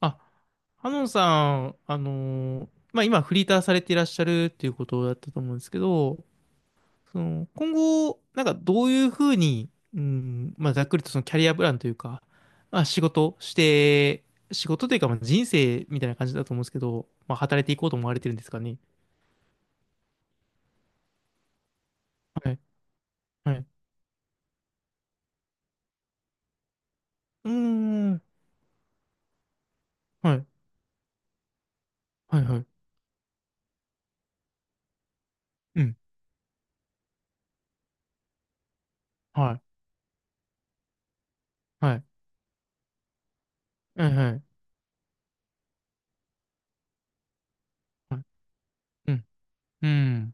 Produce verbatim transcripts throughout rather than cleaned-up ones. あ、ハノンさん、あのーまあ、今フリーターされていらっしゃるっていうことだったと思うんですけど、その、今後、なんかどういうふうに、うん、まあ、ざっくりとそのキャリアプランというか、まあ、仕事して、仕事というか、まあ、人生みたいな感じだと思うんですけど、まあ、働いていこうと思われてるんですかね。はい、はい。うーん、はい、はい、はい。うん、はい、はい、はい、はい。はい、うん、うん、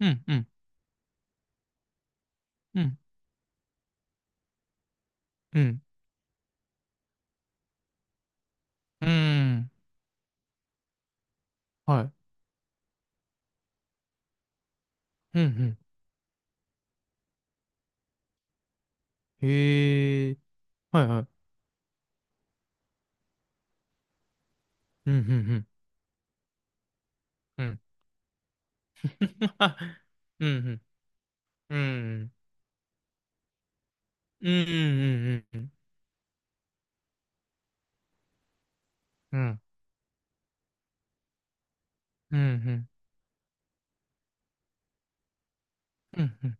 うん、うん、うん、うん、うん、はい、うん、うん。へえ。はいはい。うん、うん、うん。うん。うん、うん。うん、うん、うん。うん、うん、うん。うんうんうん。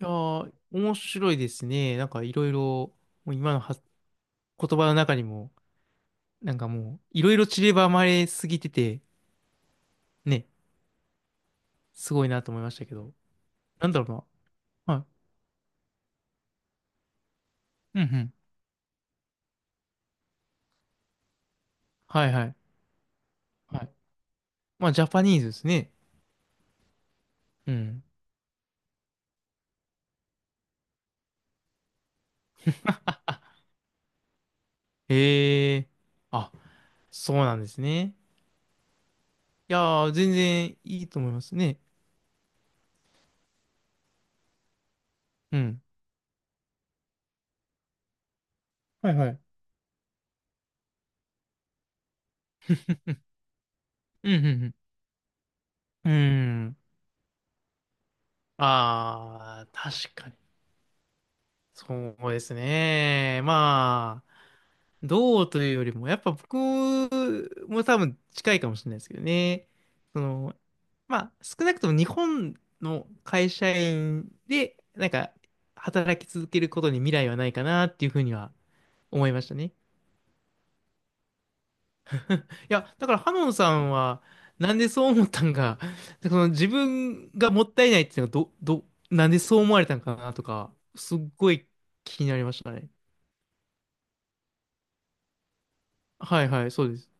いやー、面白いですね。なんかいろいろ、もう今のは言葉の中にも、なんかもう、いろいろ散りばまれすぎてて、ね、すごいなと思いましたけど。なんだろうな。はい。うん、うん。はいはい。はい。まあ、ジャパニーズですね。うん。へえ。あ、そうなんですね。いやー、全然いいと思いますね。うん。はいはい。うん、うん、うん。うん。あー、確かに。そうですね。まあ、どうというよりも、やっぱ僕も多分近いかもしれないですけどね。その、まあ、少なくとも日本の会社員で、なんか、働き続けることに未来はないかなっていうふうには思いましたね。いや、だからハノンさんは、なんでそう思ったんか、その自分がもったいないっていうのがど、ど、なんでそう思われたんかなとか、すっごい気になりましたね。はいはい、そうです。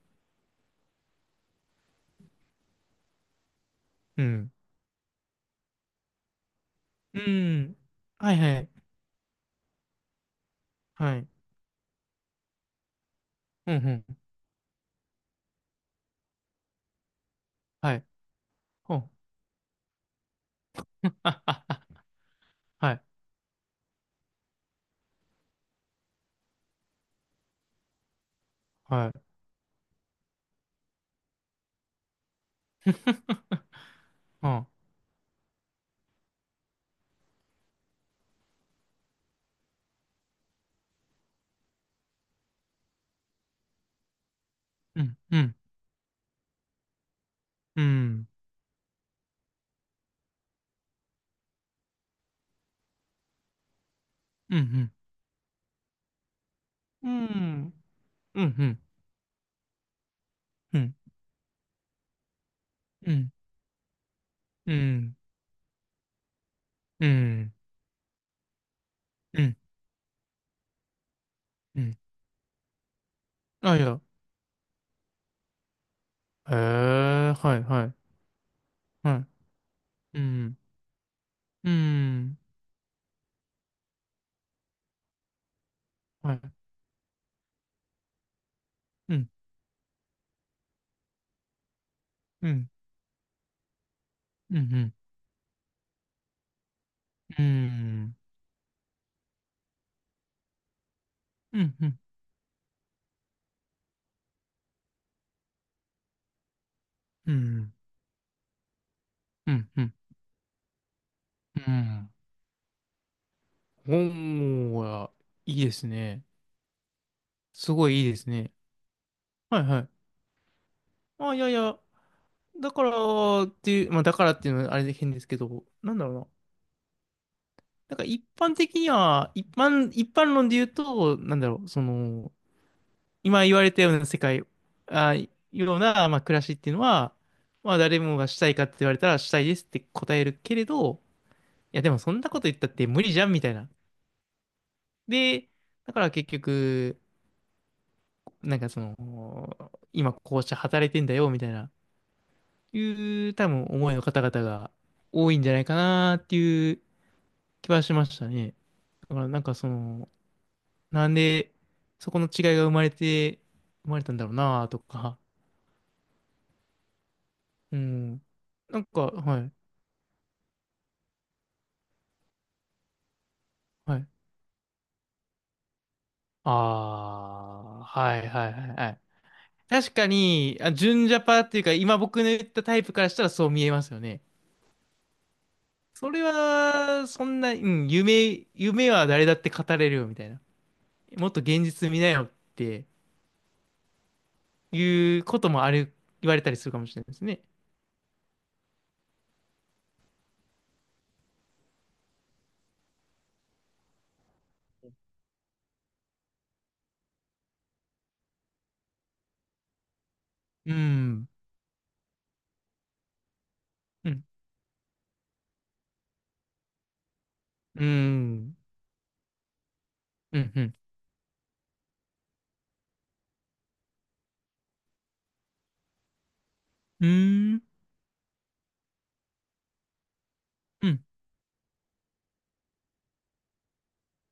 うん。うん。はいはい。はい。うんうん。はい。ほん。あ、あ、あ、はい。はい。あ、うん。うん。うん。うん。うん。うん。うん。うん。うん。うん。うん。うん。うん。あ、いや。へえ、はいはい。はい。うん。うーん。はい。うん。うん。うん。うん。うん。うん。うん。うん。うん。うん。うん。おーや、いいですね。すごいいいですね。はいはい。あ、いやいや、だからっていう、まあだからっていうのはあれで変ですけど、なんだろうな。なんか一般的には、一般、一般論で言うと、なんだろう、その、今言われたような世界、あ、ような、まあ暮らしっていうのは、まあ誰もがしたいかって言われたらしたいですって答えるけれど、や、でもそんなこと言ったって無理じゃんみたいな。で、だから結局、なんかその、今こうして働いてんだよみたいな、いう多分思いの方々が多いんじゃないかなっていう気はしましたね。だからなんかその、なんでそこの違いが生まれて、生まれたんだろうなとか、うん。なんか、はい、はい。ああ、はいはいはいはい。確かに、あ、純ジャパっていうか、今僕の言ったタイプからしたらそう見えますよね。それは、そんな、うん、夢、夢は誰だって語れるよ、みたいな。もっと現実見なよっていうこともある、言われたりするかもしれないですね。うん、うん、うん、うん、うん、うん、うん、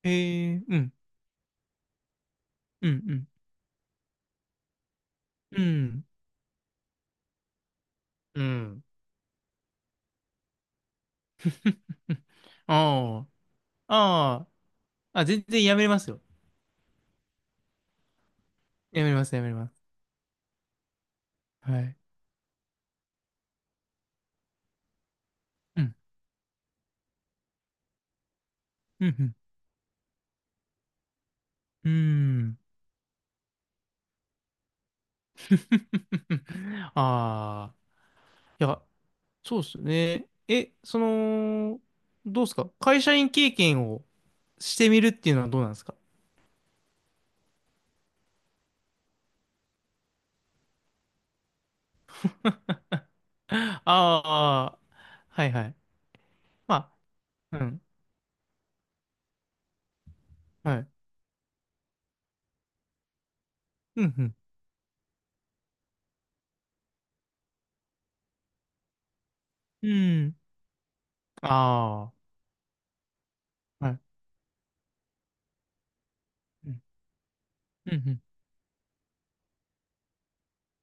へえ、うん、うん、うん、うん、うん、うん、ああ、ああ、あ、全然やめれますよ。やめれます、やめれます。はい。うん、うん、うん、うん。ああ、いや、そうですよねえ、その、どうですか、会社員経験をしてみるっていうのはどうなんですか？ あー、はいはい、まあうん、はい、うん、うん、うん、あー、うん、うん、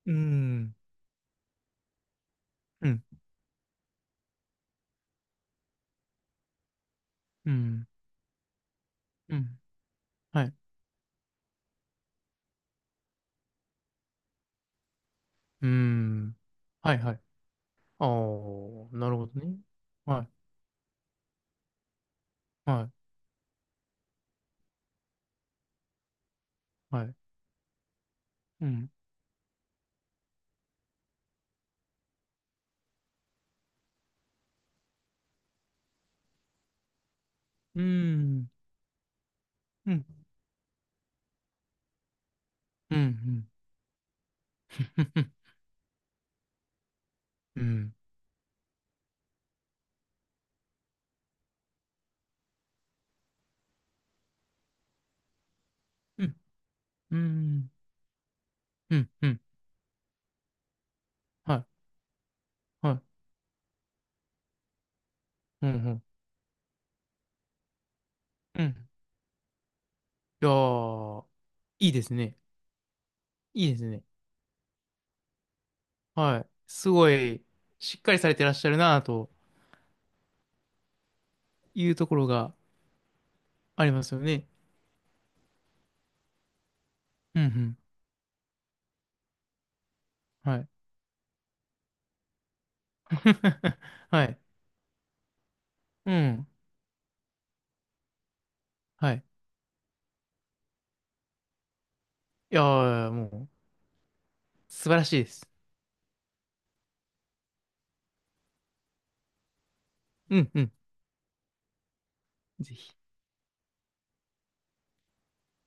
うん、うん、うん、うん、はい、うん、はいはい、あー、なるほどね、はいはいはい、うん、うん、うん、うん、うん、うん、うん、うん、うん、うん、うん、うん、うん、うん、うん、うん、うん、うん、はい、はい、うん、うん、うん。いやー、いいですね。いいですね。はい。すごい、しっかりされてらっしゃるなというところがありますよね。うん、うん、はい。はい、うん、はい。いやー、もう、素晴らしいです。うん、うん、ぜひ。